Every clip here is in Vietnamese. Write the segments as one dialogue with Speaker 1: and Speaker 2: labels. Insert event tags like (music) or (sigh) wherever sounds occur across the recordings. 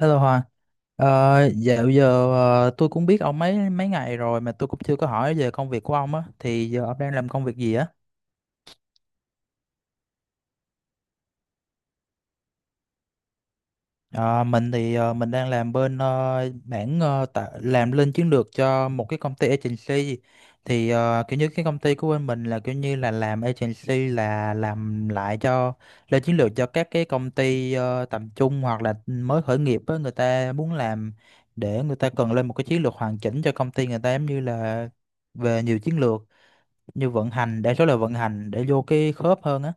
Speaker 1: Hello Hòa, ờ, dạo giờ tôi cũng biết ông mấy mấy ngày rồi mà tôi cũng chưa có hỏi về công việc của ông á, thì giờ ông đang làm công việc gì á? Ờ, mình thì mình đang làm bên mảng làm lên chiến lược cho một cái công ty agency. Thì kiểu như cái công ty của bên mình là kiểu như là làm agency là làm lại cho lên chiến lược cho các cái công ty tầm trung hoặc là mới khởi nghiệp á, người ta muốn làm để người ta cần lên một cái chiến lược hoàn chỉnh cho công ty người ta, giống như là về nhiều chiến lược như vận hành, đa số là vận hành để vô cái khớp hơn á.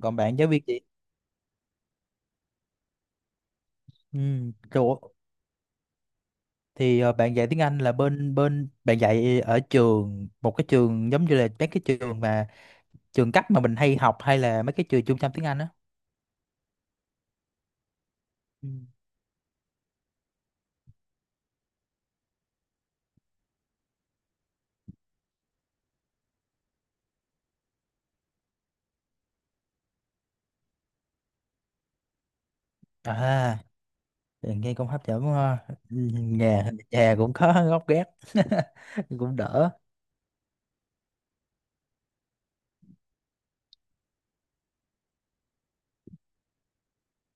Speaker 1: Còn bạn giáo viên chị. Ừ, thì bạn dạy tiếng Anh là bên bên bạn dạy ở trường, một cái trường giống như là mấy cái trường mà trường cấp mà mình hay học, hay là mấy cái trường trung tâm tiếng Anh á. Ừ. À, nghe cũng hấp dẫn quá ha. Ừ, nhà nhà cũng có gốc gác. (laughs) Cũng đỡ.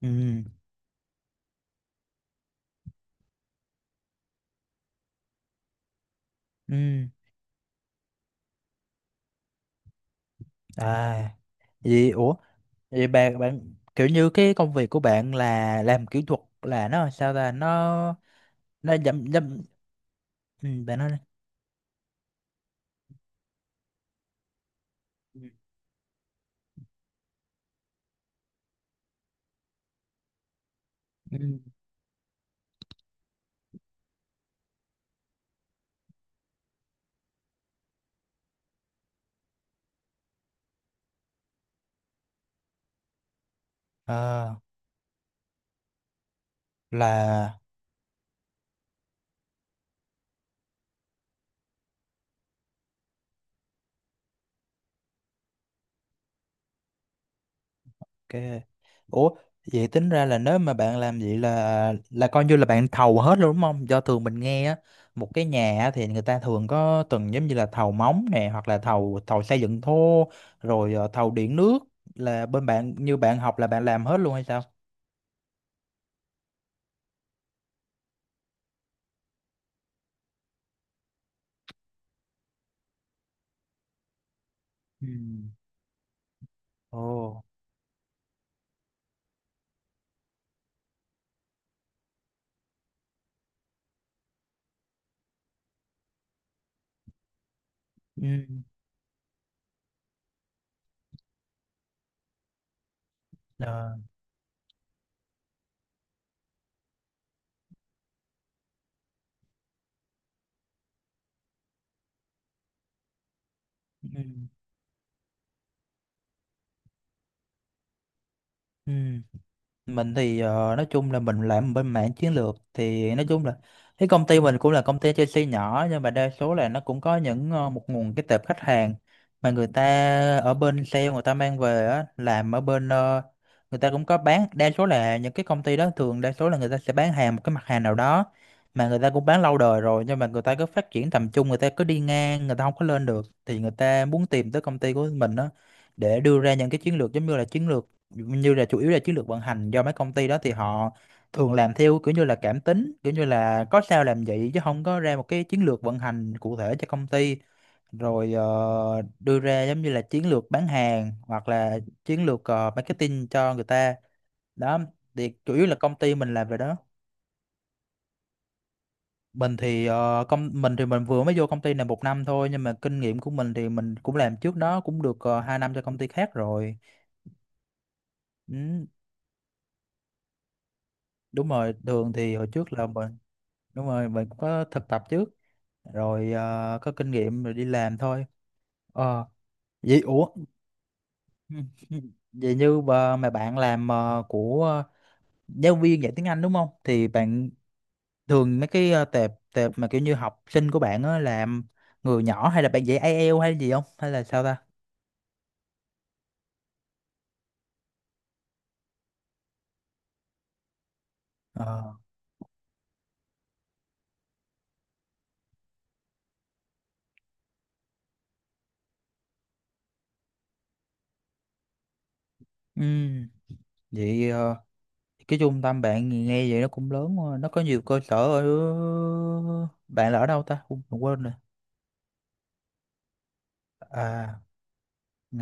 Speaker 1: Ừ ừ à vậy ủa vậy bạn bạn kiểu như cái công việc của bạn là làm kỹ thuật là nó sao ta nó dậm dậm ừ, bạn nói đi. Ừ. Ừ. À, là. Ok. Ủa, vậy tính ra là nếu mà bạn làm vậy là coi như là bạn thầu hết luôn đúng không? Do thường mình nghe á, một cái nhà á thì người ta thường có từng giống như là thầu móng nè, hoặc là thầu thầu xây dựng thô, rồi thầu điện nước, là bên bạn, như bạn học là bạn làm hết luôn hay sao? Ừ. Ồ. Ừ. Ờ. Ừ. Ừ. Mình thì nói chung là mình làm bên mảng chiến lược, thì nói chung là cái công ty mình cũng là công ty Chelsea nhỏ, nhưng mà đa số là nó cũng có những một nguồn cái tệp khách hàng mà người ta ở bên sale người ta mang về á, làm ở bên người ta cũng có bán, đa số là những cái công ty đó thường đa số là người ta sẽ bán hàng một cái mặt hàng nào đó mà người ta cũng bán lâu đời rồi, nhưng mà người ta cứ phát triển tầm trung, người ta cứ đi ngang, người ta không có lên được, thì người ta muốn tìm tới công ty của mình đó để đưa ra những cái chiến lược, giống như là chiến lược như là chủ yếu là chiến lược vận hành, do mấy công ty đó thì họ thường làm theo kiểu như là cảm tính, kiểu như là có sao làm vậy chứ không có ra một cái chiến lược vận hành cụ thể cho công ty. Rồi đưa ra giống như là chiến lược bán hàng, hoặc là chiến lược marketing cho người ta đó. Thì chủ yếu là công ty mình làm về đó. Mình thì công mình thì mình vừa mới vô công ty này một năm thôi, nhưng mà kinh nghiệm của mình thì mình cũng làm trước đó cũng được hai năm cho công ty khác rồi. Ừ, đúng rồi, thường thì hồi trước là mình đúng rồi, mình cũng có thực tập trước rồi, có kinh nghiệm rồi đi làm thôi. Ờ. Vậy ủa. (laughs) Vậy như bà, mà bạn làm giáo viên dạy tiếng Anh đúng không, thì bạn thường mấy cái tệp tệp mà kiểu như học sinh của bạn á, làm người nhỏ hay là bạn dạy IELTS hay gì không, hay là sao ta. Ờ. Ừ. Vậy cái trung tâm bạn nghe vậy nó cũng lớn quá. Nó có nhiều cơ sở ở, bạn là ở đâu ta? Ui, mình quên rồi. À. Ừ.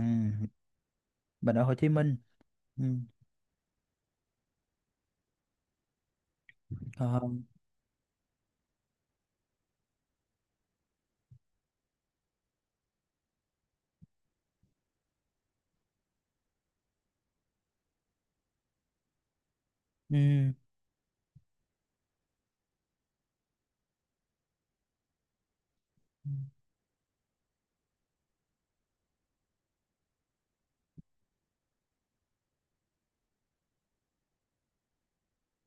Speaker 1: Mình ở Hồ Chí Minh. Ừ. Còn. Ừ. Ừ,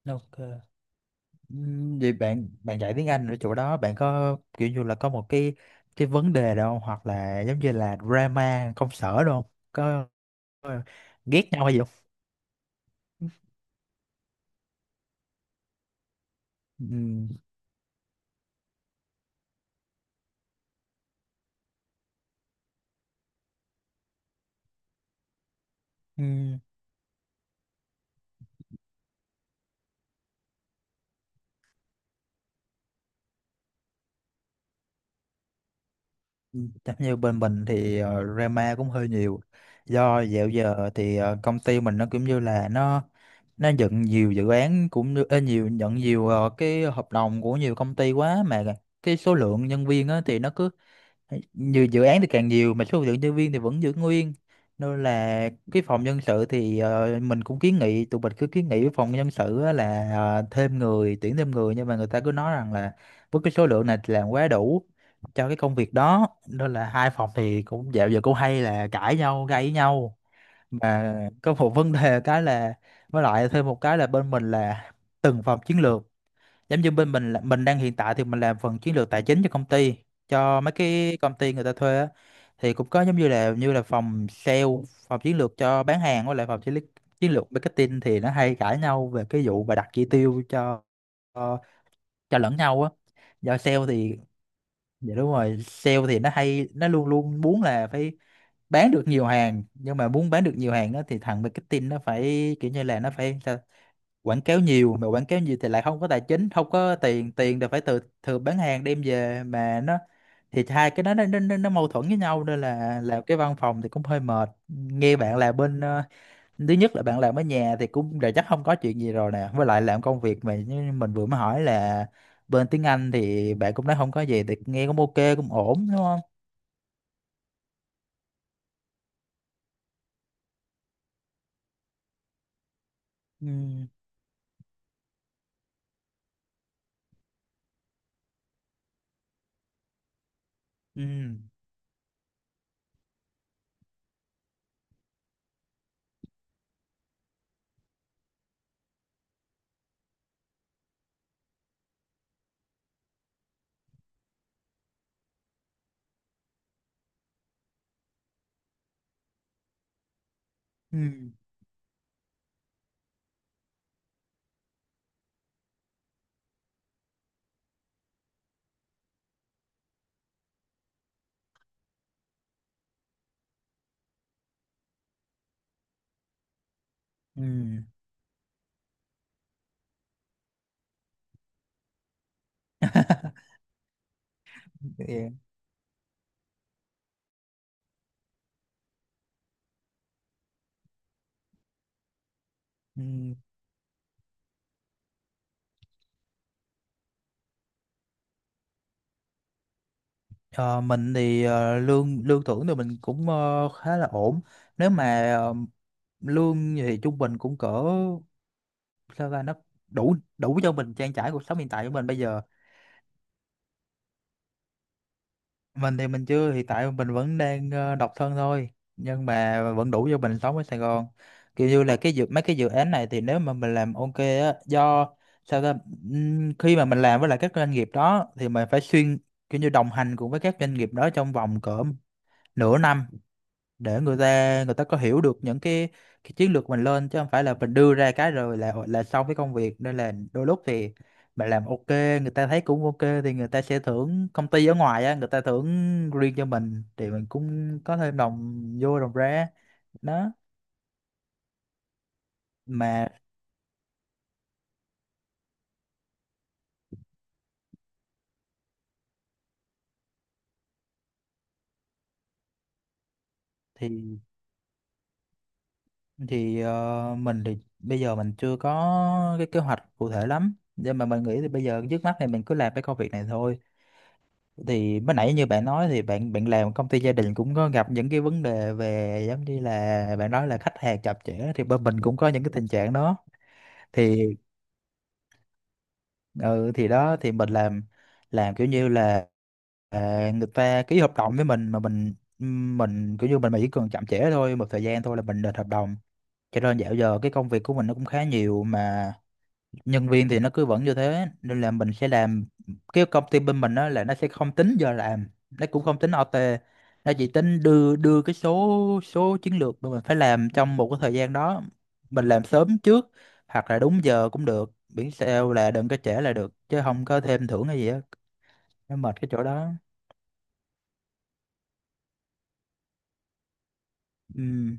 Speaker 1: ok. Ừ. Vậy bạn bạn dạy tiếng Anh ở chỗ đó bạn có kiểu như là có một cái vấn đề đâu không? Hoặc là giống như là drama công sở đâu không? Có ghét nhau hay gì không? Ừ. Ừ. Ừ. Chắc như bên mình thì drama cũng hơi nhiều, do dạo giờ thì công ty mình nó cũng như là nó nhận nhiều dự án, cũng như ê, nhiều nhận nhiều cái hợp đồng của nhiều công ty quá, mà cái số lượng nhân viên á, thì nó cứ nhiều dự án thì càng nhiều mà số lượng nhân viên thì vẫn giữ nguyên. Nên là cái phòng nhân sự thì mình cũng kiến nghị, tụi mình cứ kiến nghị với phòng nhân sự á là thêm người, tuyển thêm người, nhưng mà người ta cứ nói rằng là với cái số lượng này thì làm quá đủ cho cái công việc đó. Nên là hai phòng thì cũng dạo giờ cũng hay là cãi nhau, gây với nhau. Mà có một vấn đề cái là với lại thêm một cái là bên mình là từng phòng chiến lược, giống như bên mình là mình đang hiện tại thì mình làm phần chiến lược tài chính cho công ty, cho mấy cái công ty người ta thuê á, thì cũng có giống như là phòng sale, phòng chiến lược cho bán hàng, với lại phòng chiến lược marketing, thì nó hay cãi nhau về cái vụ và đặt chỉ tiêu cho, cho lẫn nhau á, do sale thì dạ đúng rồi, sale thì nó hay, nó luôn luôn muốn là phải bán được nhiều hàng, nhưng mà muốn bán được nhiều hàng đó thì thằng marketing nó phải kiểu như là nó phải sao quảng cáo nhiều, mà quảng cáo nhiều thì lại không có tài chính, không có tiền, tiền thì phải từ từ bán hàng đem về, mà nó thì hai cái đó nó, nó mâu thuẫn với nhau, nên là làm cái văn phòng thì cũng hơi mệt nghe bạn. Là bên thứ nhất là bạn làm ở nhà thì cũng đã chắc không có chuyện gì rồi nè, với lại làm công việc mà như mình vừa mới hỏi là bên tiếng Anh thì bạn cũng nói không có gì thì nghe cũng ok cũng ổn đúng không. Ừ. Ừ. Ừ. Ừ. Yeah. Ừ. Ờ, mình thì lương lương thưởng thì mình cũng khá là ổn. Nếu mà lương thì trung bình cũng cỡ sao ra nó đủ đủ cho mình trang trải cuộc sống hiện tại của mình bây giờ. Mình thì mình chưa, hiện tại mình vẫn đang độc thân thôi, nhưng mà vẫn đủ cho mình sống ở Sài Gòn. Kiểu như là cái dự mấy cái dự án này thì nếu mà mình làm ok á, do sao ta khi mà mình làm với lại các doanh nghiệp đó thì mình phải xuyên kiểu như đồng hành cùng với các doanh nghiệp đó trong vòng cỡ nửa năm để người ta, người ta có hiểu được những cái chiến lược mình lên, chứ không phải là mình đưa ra cái rồi là xong cái công việc. Nên là đôi lúc thì mình làm ok, người ta thấy cũng ok, thì người ta sẽ thưởng, công ty ở ngoài á người ta thưởng riêng cho mình, thì mình cũng có thêm đồng vô đồng ra đó. Mà thì thì mình thì bây giờ mình chưa có cái kế hoạch cụ thể lắm, nhưng mà mình nghĩ thì bây giờ trước mắt thì mình cứ làm cái công việc này thôi. Thì mới nãy như bạn nói thì bạn bạn làm công ty gia đình cũng có gặp những cái vấn đề về giống như là bạn nói là khách hàng chậm trễ, thì bên mình cũng có những cái tình trạng đó thì. Ừ, thì đó thì mình làm kiểu như là à, người ta ký hợp đồng với mình mà mình kiểu như mình mà chỉ cần chậm trễ thôi một thời gian thôi là mình đền hợp đồng. Cho nên dạo giờ cái công việc của mình nó cũng khá nhiều, mà nhân viên thì nó cứ vẫn như thế, nên là mình sẽ làm cái công ty bên mình đó là nó sẽ không tính giờ làm, nó cũng không tính OT, nó chỉ tính đưa đưa cái số số chiến lược mà mình phải làm trong một cái thời gian đó. Mình làm sớm trước hoặc là đúng giờ cũng được, miễn sao là đừng có trễ là được, chứ không có thêm thưởng hay gì á. Nó mệt cái chỗ đó. Ừ.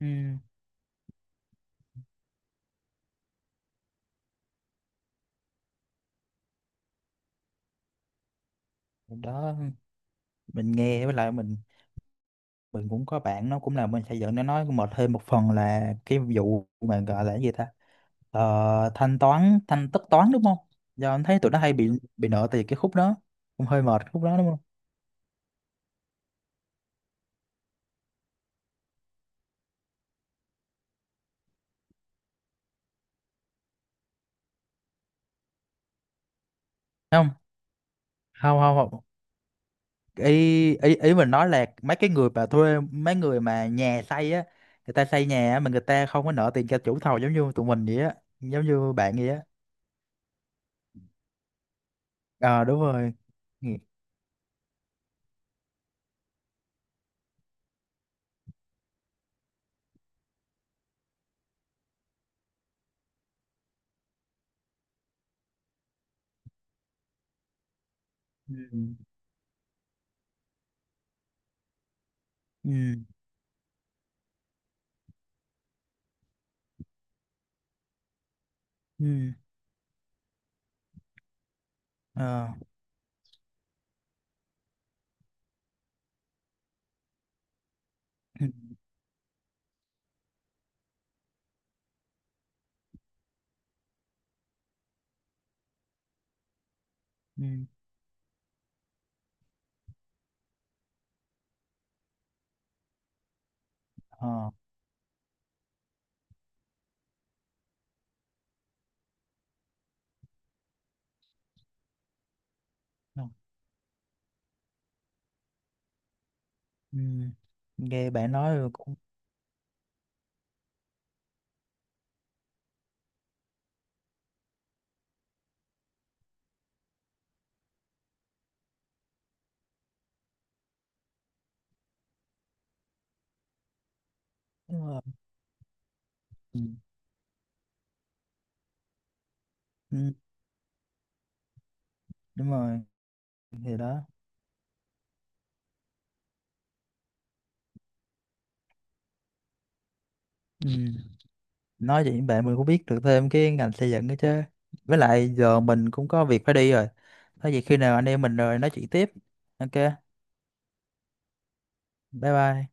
Speaker 1: Ừ. Đó mình nghe, với lại mình cũng có bạn nó cũng làm bên xây dựng, nó nói mệt thêm một phần là cái vụ mà gọi là cái gì ta. Ờ, thanh toán thanh tất toán đúng không, giờ anh thấy tụi nó hay bị nợ tiền cái khúc đó, cũng hơi mệt khúc đó đúng không. Không không không không, ý ý ý mình nói là mấy cái người mà thuê mấy người mà nhà xây á, người ta xây nhà á, mà người ta không có nợ tiền cho chủ thầu giống như tụi mình vậy á, giống như bạn vậy á. Ờ đúng rồi. Ừ. Ừ. Ừ. Ừ. Ờ. Ừ. Ừ. Ờ. Ừ. Ừ. Nghe bạn nói rồi cũng đúng rồi. Ừ. Ừ, đúng rồi. Thì đó. Ừ. Nói chuyện với bạn mình cũng biết được thêm cái ngành xây dựng đó chứ. Với lại giờ mình cũng có việc phải đi rồi. Có gì khi nào anh em mình rồi nói chuyện tiếp. Ok bye bye.